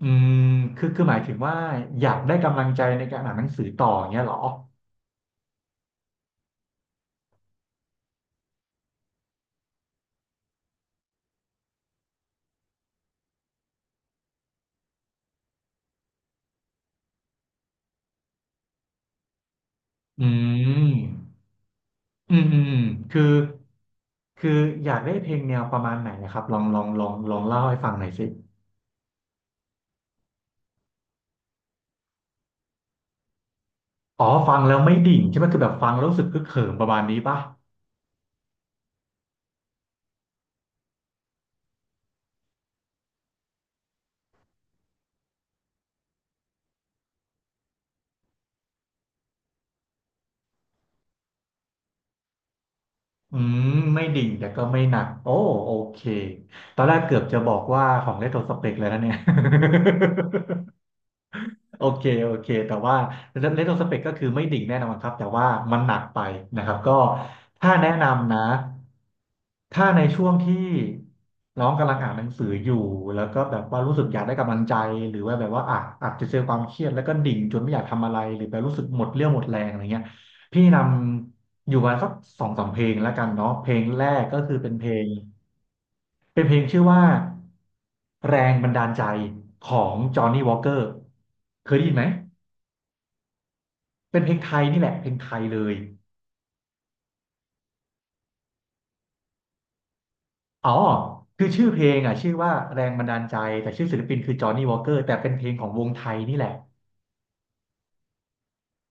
อืมคือหมายถึงว่าอยากได้กำลังใจในการอ่านหนังสือต่ออย่างเงี้ยเหรออืมอืมคือคืออยากได้เพลงแนวประมาณไหนนะครับลองเล่าให้ฟังหน่อยสิอ๋อฟังแล้วไม่ดิ่งใช่ไหมคือแบบฟังแล้วรู้สึกคึกเขิมประมาณนี้ป่ะอืมไม่ดิ่งแต่ก็ไม่หนักโอ้โอเคตอนแรกเกือบจะบอกว่าของเลโทรสเปกเลยนะเนี่ย โอเคแต่ว่าเรโทรสเปกก็คือไม่ดิ่งแน่นอนครับแต่ว่ามันหนักไปนะครับก็ถ้าแนะนำนะถ้าในช่วงที่น้องกำลังอ่านหนังสืออยู่แล้วก็แบบว่ารู้สึกอยากได้กำลังใจหรือว่าแบบว่าอ่ะอาจจะเจอความเครียดแล้วก็ดิ่งจนไม่อยากทำอะไรหรือแบบรู้สึกหมดเรี่ยวหมดแรงอะไรเงี้ยพี่นำอยู่ประมาณสักสองสามเพลงแล้วกันเนาะเพลงแรกก็คือเป็นเพลง เป็นเพลงชื่อว่าแรงบันดาลใจของจอห์นนี่วอ k เกอร์เคยได้ยินไหมเป็นเพลงไทยนี่แหละเพลงไทยเลยอ๋อคือชื่อเพลงอ่ะชื่อว่าแรงบันดาลใจแต่ชื่อศิลปินคือจอห์นนี่วอ k เกอร์แต่เป็นเพลงของวงไทยนี่แหละ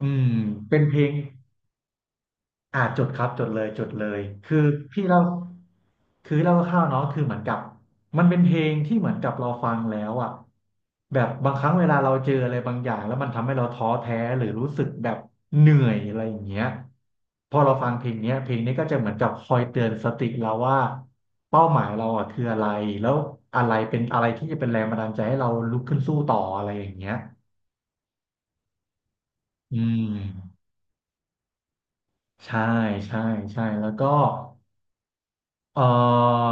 อืมเป็นเพลง จุดครับจุดเลยจุดเลยคือพี่เล่าคือเล่าคร่าวๆเนาะคือเหมือนกับมันเป็นเพลงที่เหมือนกับเราฟังแล้วอ่ะแบบบางครั้งเวลาเราเจออะไรบางอย่างแล้วมันทำให้เราท้อแท้หรือรู้สึกแบบเหนื่อยอะไรอย่างเงี้ยพอเราฟังเพลงเนี้ยเพลงนี้ก็จะเหมือนกับคอยเตือนสติเราว่าเป้าหมายเราอ่ะคืออะไรแล้วอะไรเป็นอะไรที่จะเป็นแรงบันดาลใจให้เราลุกขึ้นสู้ต่ออะไรอย่างเงี้ยอืมใช่ใช่ใช่แล้วก็ เอ่อ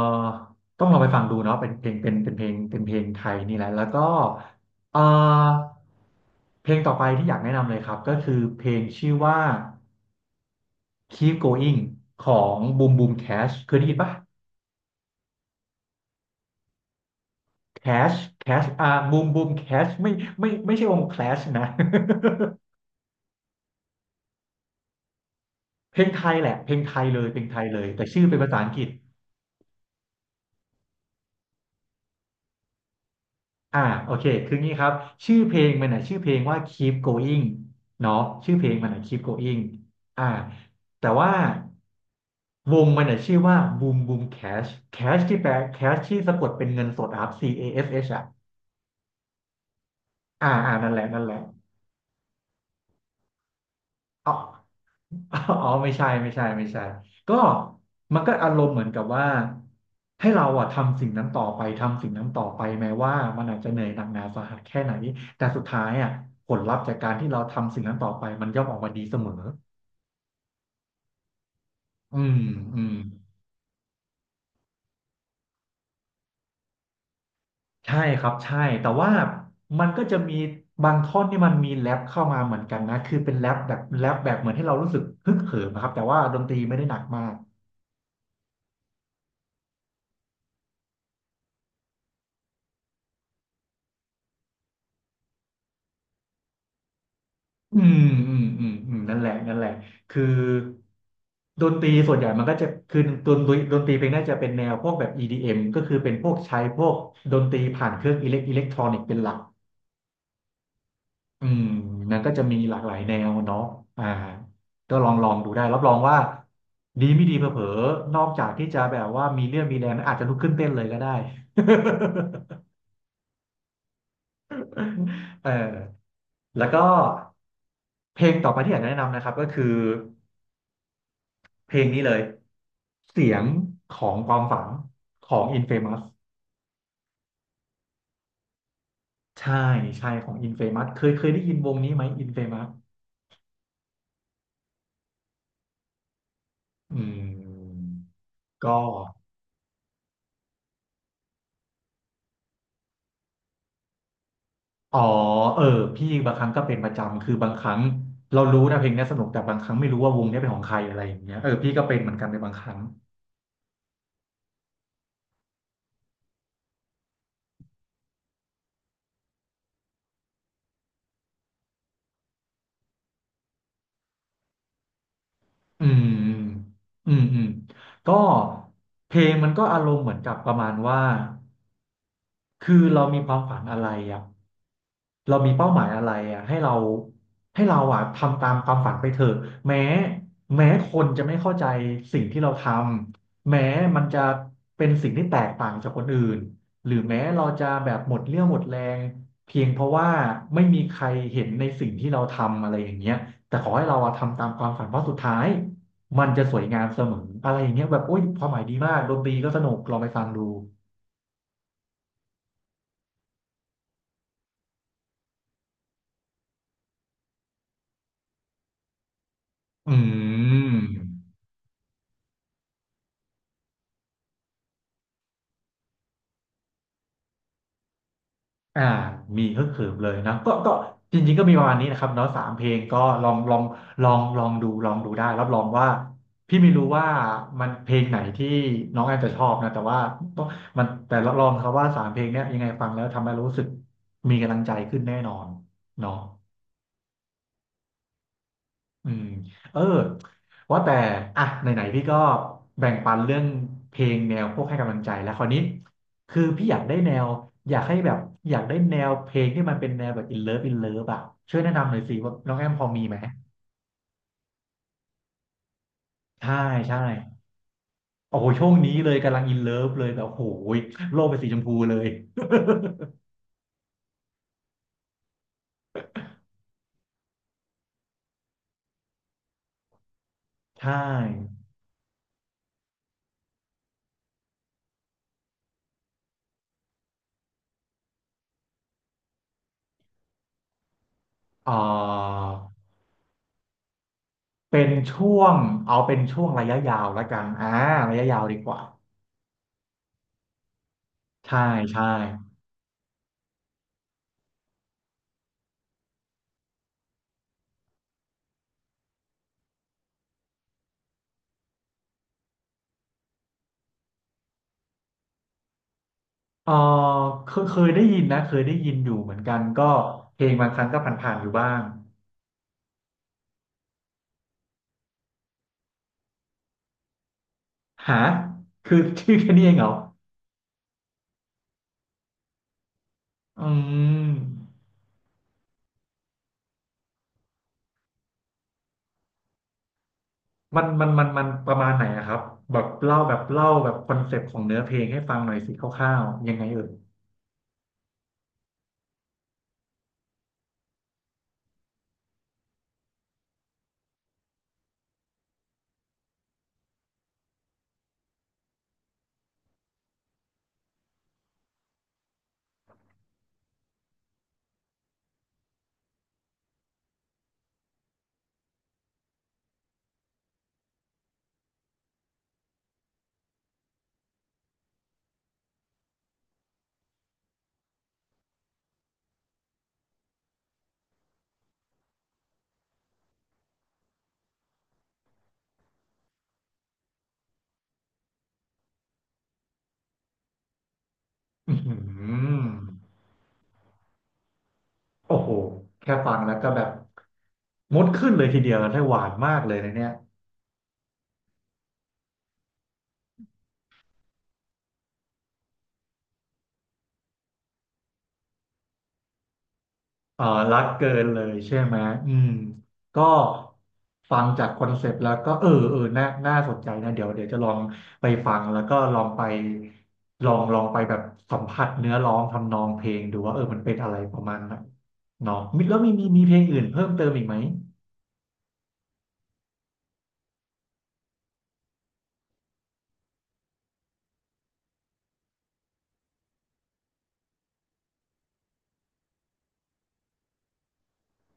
ต้องลองไปฟังดูเนาะเป็นเพลงเป็นเป็นเพลงเป็นเพลงไทยนี่แหละแล้วก็เอ่อเพลงต่อไปที่อยากแนะนำเลยครับก็คือเพลงชื่อว่า Keep Going ของ Boom Boom Cash เคยได้ยินปะ Cash Cash Boom Boom Cash ไม่ใช่วง Clash นะ เพลงไทยแหละเพลงไทยเลยเพลงไทยเลยแต่ชื่อเป็นภาษาอังกฤษ อ่าโอเคคืองี้ครับชื่อเพลงมันน่ะชื่อเพลงว่า Keep Going เนาะชื่อเพลงมันน่ะ Keep Going อ่าแต่ว่าวงมันน่ะชื่อว่า Boom Boom Cash Cash ที่แปล Cash ที่สะกดเป็นเงินสดอะครับ C A S H อชเอชอ่ะอ่านั่นแหละ อ๋อ อ๋อไม่ใช่ก็มันก็อารมณ์เหมือนกับว่าให้เราอะทำสิ่งนั้นต่อไปทำสิ่งนั้นต่อไปแม้ว่ามันอาจจะเหนื่อยหนักหนาสาหัสแค่ไหนแต่สุดท้ายอะผลลัพธ์จากการที่เราทำสิ่งนั้นต่อไปมันย่อมออกมาดีเสมออืมอืมใช่ครับใช่แต่ว่ามันก็จะมีบางท่อนที่มันมีแรปเข้ามาเหมือนกันนะคือเป็นแรปแบบแรปแบบเหมือนให้เรารู้สึกฮึกเหิมนะครับแต่ว่าดนตรีไม่ได้หนักมาก อืมอืมนั่นแหละคือดนตรีส่วนใหญ่มันก็จะคือดนตรีเพลงน่าจะเป็นแนวพวกแบบ EDM ก็คือเป็นพวกใช้พวกดนตรีผ่านเครื่องอิเล็กทรอนิกส์เป็นหลักอืมนั่นก็จะมีหลากหลายแนวเนาะอ่าก็ลองดูได้รับรองว่าดีไม่ดีเผลอๆนอกจากที่จะแบบว่ามีเรื่องมีแรงอาจจะลุกขึ้นเต้นเลยก็ได้ เออแล้วก็เพลงต่อไปที่อยากจะแนะนำนะครับก็คือ เพลงนี้เลยเสียงของความฝันของ Infamous ใช่ใช่ของ Infamous เคยได้ยินวงนี้ไหม Infamous อืมก็อ๋อเออพี่บางครั้งก็เป็นประจำคือบางครั้งเรารู้นะเพลงเนี้ยสนุกแต่บางครั้งไม่รู้ว่าวงเนี้ยเป็นของใครอะไรอย่างเงี้ยเออพี่ก็เป็นเหมือนกันในบางครั้งอืมอืมก็เพลงมันก็อารมณ์เหมือนกับประมาณว่าคือเรามีความฝันอะไรอ่ะ เรามีเป้าหมายอะไรอ่ะให้เราให้เราอ่ะทำตามความฝันไปเถอะแม้แม้คนจะไม่เข้าใจสิ่งที่เราทำแม้มันจะเป็นสิ่งที่แตกต่างจากคนอื่นหรือแม้เราจะแบบหมดเรี่ยวหมดแรงเพียงเพราะว่าไม่มีใครเห็นในสิ่งที่เราทำอะไรอย่างเงี้ยแต่ขอให้เราอะทำตามความฝันเพราะสุดท้ายมันจะสวยงามเสมออะไรอย่างเงี้ยแบบโอ้ยความหมายดีมากดนตรีก็สนุกลองไปฟังดูอืม อ่ามีฮึกเหิมเลยนะก็จริงๆก็มีประมาณนี้นะครับเนาะสามเพลงก็ลองลองลองลองดูลองดูได้รับรองว่าพี่ไม่รู้ว่ามันเพลงไหนที่น้องแอนจะชอบนะแต่ว่าต้องมันแต่รับรองครับว่า3 เพลงเนี้ยยังไงฟังแล้วทำให้รู้สึกมีกำลังใจขึ้นแน่นอนเนาะ อืมเออว่าแต่อ่ะไหนๆพี่ก็แบ่งปันเรื่องเพลงแนวพวกให้กำลังใจแล้วคราวนี้คือพี่อยากได้แนวอยากให้แบบอยากได้แนวเพลงที่มันเป็นแนวแบบ in love อ่ะช่วยแนะนำหน่อยสิว่าน้องแอมพอมีไหมใช่ใช่โอ้โหช่วงนี้เลยกำลัง in love เลยแบบโอ้ยโลกเป็นสีชมพูเลย ใช่เออเป็นช่วงเอาเป็นช่วงระยะยาวละกันอ่าระยะยาวดีกว่าใช่ใช่ เออเคยได้ยินนะเคยได้ยินอยู่เหมือนกันก็เพลงบางครั้งก็ผ่านๆอยู่บ้างหาคือ ชื่อแค่นี้เองเหรออืมมันประมาณไหนอะครับแบบเล่าแบบคอนเซปต์ของเนื้อเพลงให้ฟังหน่อยสิคร่าวๆยังไงเอ่ยอืมโอ้โหแค่ฟังแล้วก็แบบมดขึ้นเลยทีเดียวได้หวานมากเลยนะเนี่ย เอ่อรักเกินเลยใช่ไหมอืมก็ฟังจากคอนเซปต์แล้วก็เออน่าน่าสนใจนะเดี๋ยวจะลองไปฟังแล้วก็ลองไปแบบสัมผัสเนื้อร้องทำนองเพลงดูว่าเออมันเป็นอะไรประมาณไหนเนาะมีแล้วมีเพลงอื่นเพิ่มเติมอีกไหม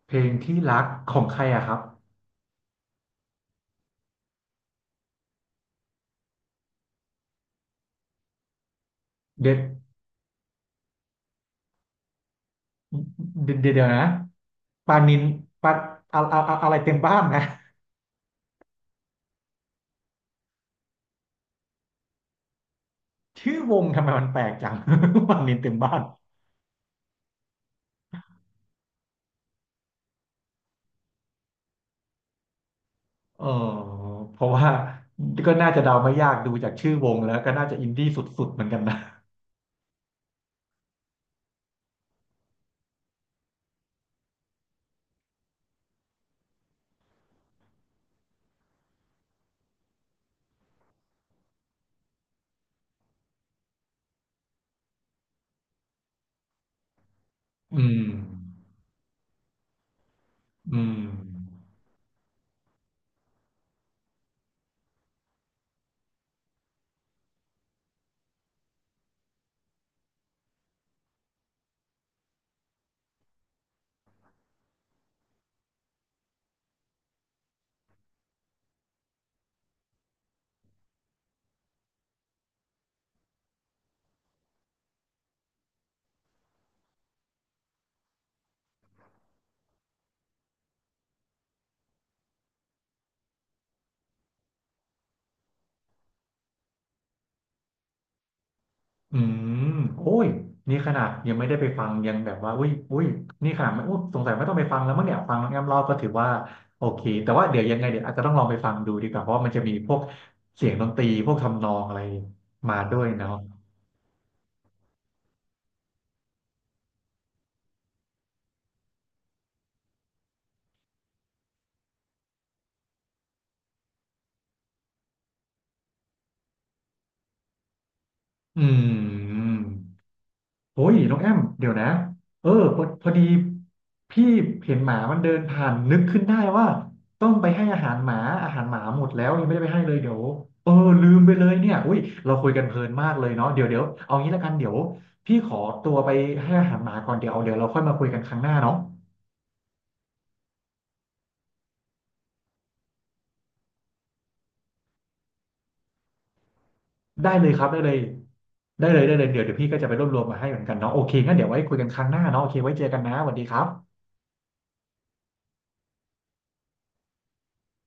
เพลงที่รักของใครอะครับเด็ดเดี๋ยวนะปานินปาอะไรเต็มบ้านนะ ชื่อวงทำไมมันแปลกจัง ปานินเต็มบ้าน เออเพราะว่าก็น่าจะเดาไม่ยากดูจากชื่อวงแล้วก็น่าจะอินดี้สุดๆเหมือนกันนะ อืมอืมอืมโอ้ยนี่ขนาดยังไม่ได้ไปฟังยังแบบว่าอุ้ยอุ้ยนี่ขนาดไม่อุ้ยสงสัยไม่ต้องไปฟังแล้วมั้งเนี่ยฟังน้องแอมเล่าก็ถือว่าโอเคแต่ว่าเดี๋ยวยังไงเดี๋ยวอาจจะต้องลองไปฟังดูดีกว่าเพราะว่ามันจะมีพวกเสียงดนตรีพวกทำนองอะไรมาด้วยเนาะอืม โอ้ยน้องแอมเดี๋ยวนะเออพอพอดีพี่เห็นหมามันเดินผ่านนึกขึ้นได้ว่าต้องไปให้อาหารหมาอาหารหมาหมดแล้วยังไม่ได้ไปให้เลยเดี๋ยวเออลืมไปเลยเนี่ยอุ้ยเราคุยกันเพลินมากเลยเนาะเดี๋ยวเอางี้ละกันเดี๋ยวพี่ขอตัวไปให้อาหารหมาก่อนเดี๋ยวเอาเดี๋ยวเราค่อยมาคุยกันครั้งหน้าเนาะได้เลยครับได้เลยเดี๋ยวพี่ก็จะไปรวบรวมมาให้เหมือนกันเนาะโอเคงั้นเดี๋ยวไว้คุยกันครั้งหน้าเนาะโอเคไว้เจอกันนะสวัสดีครับ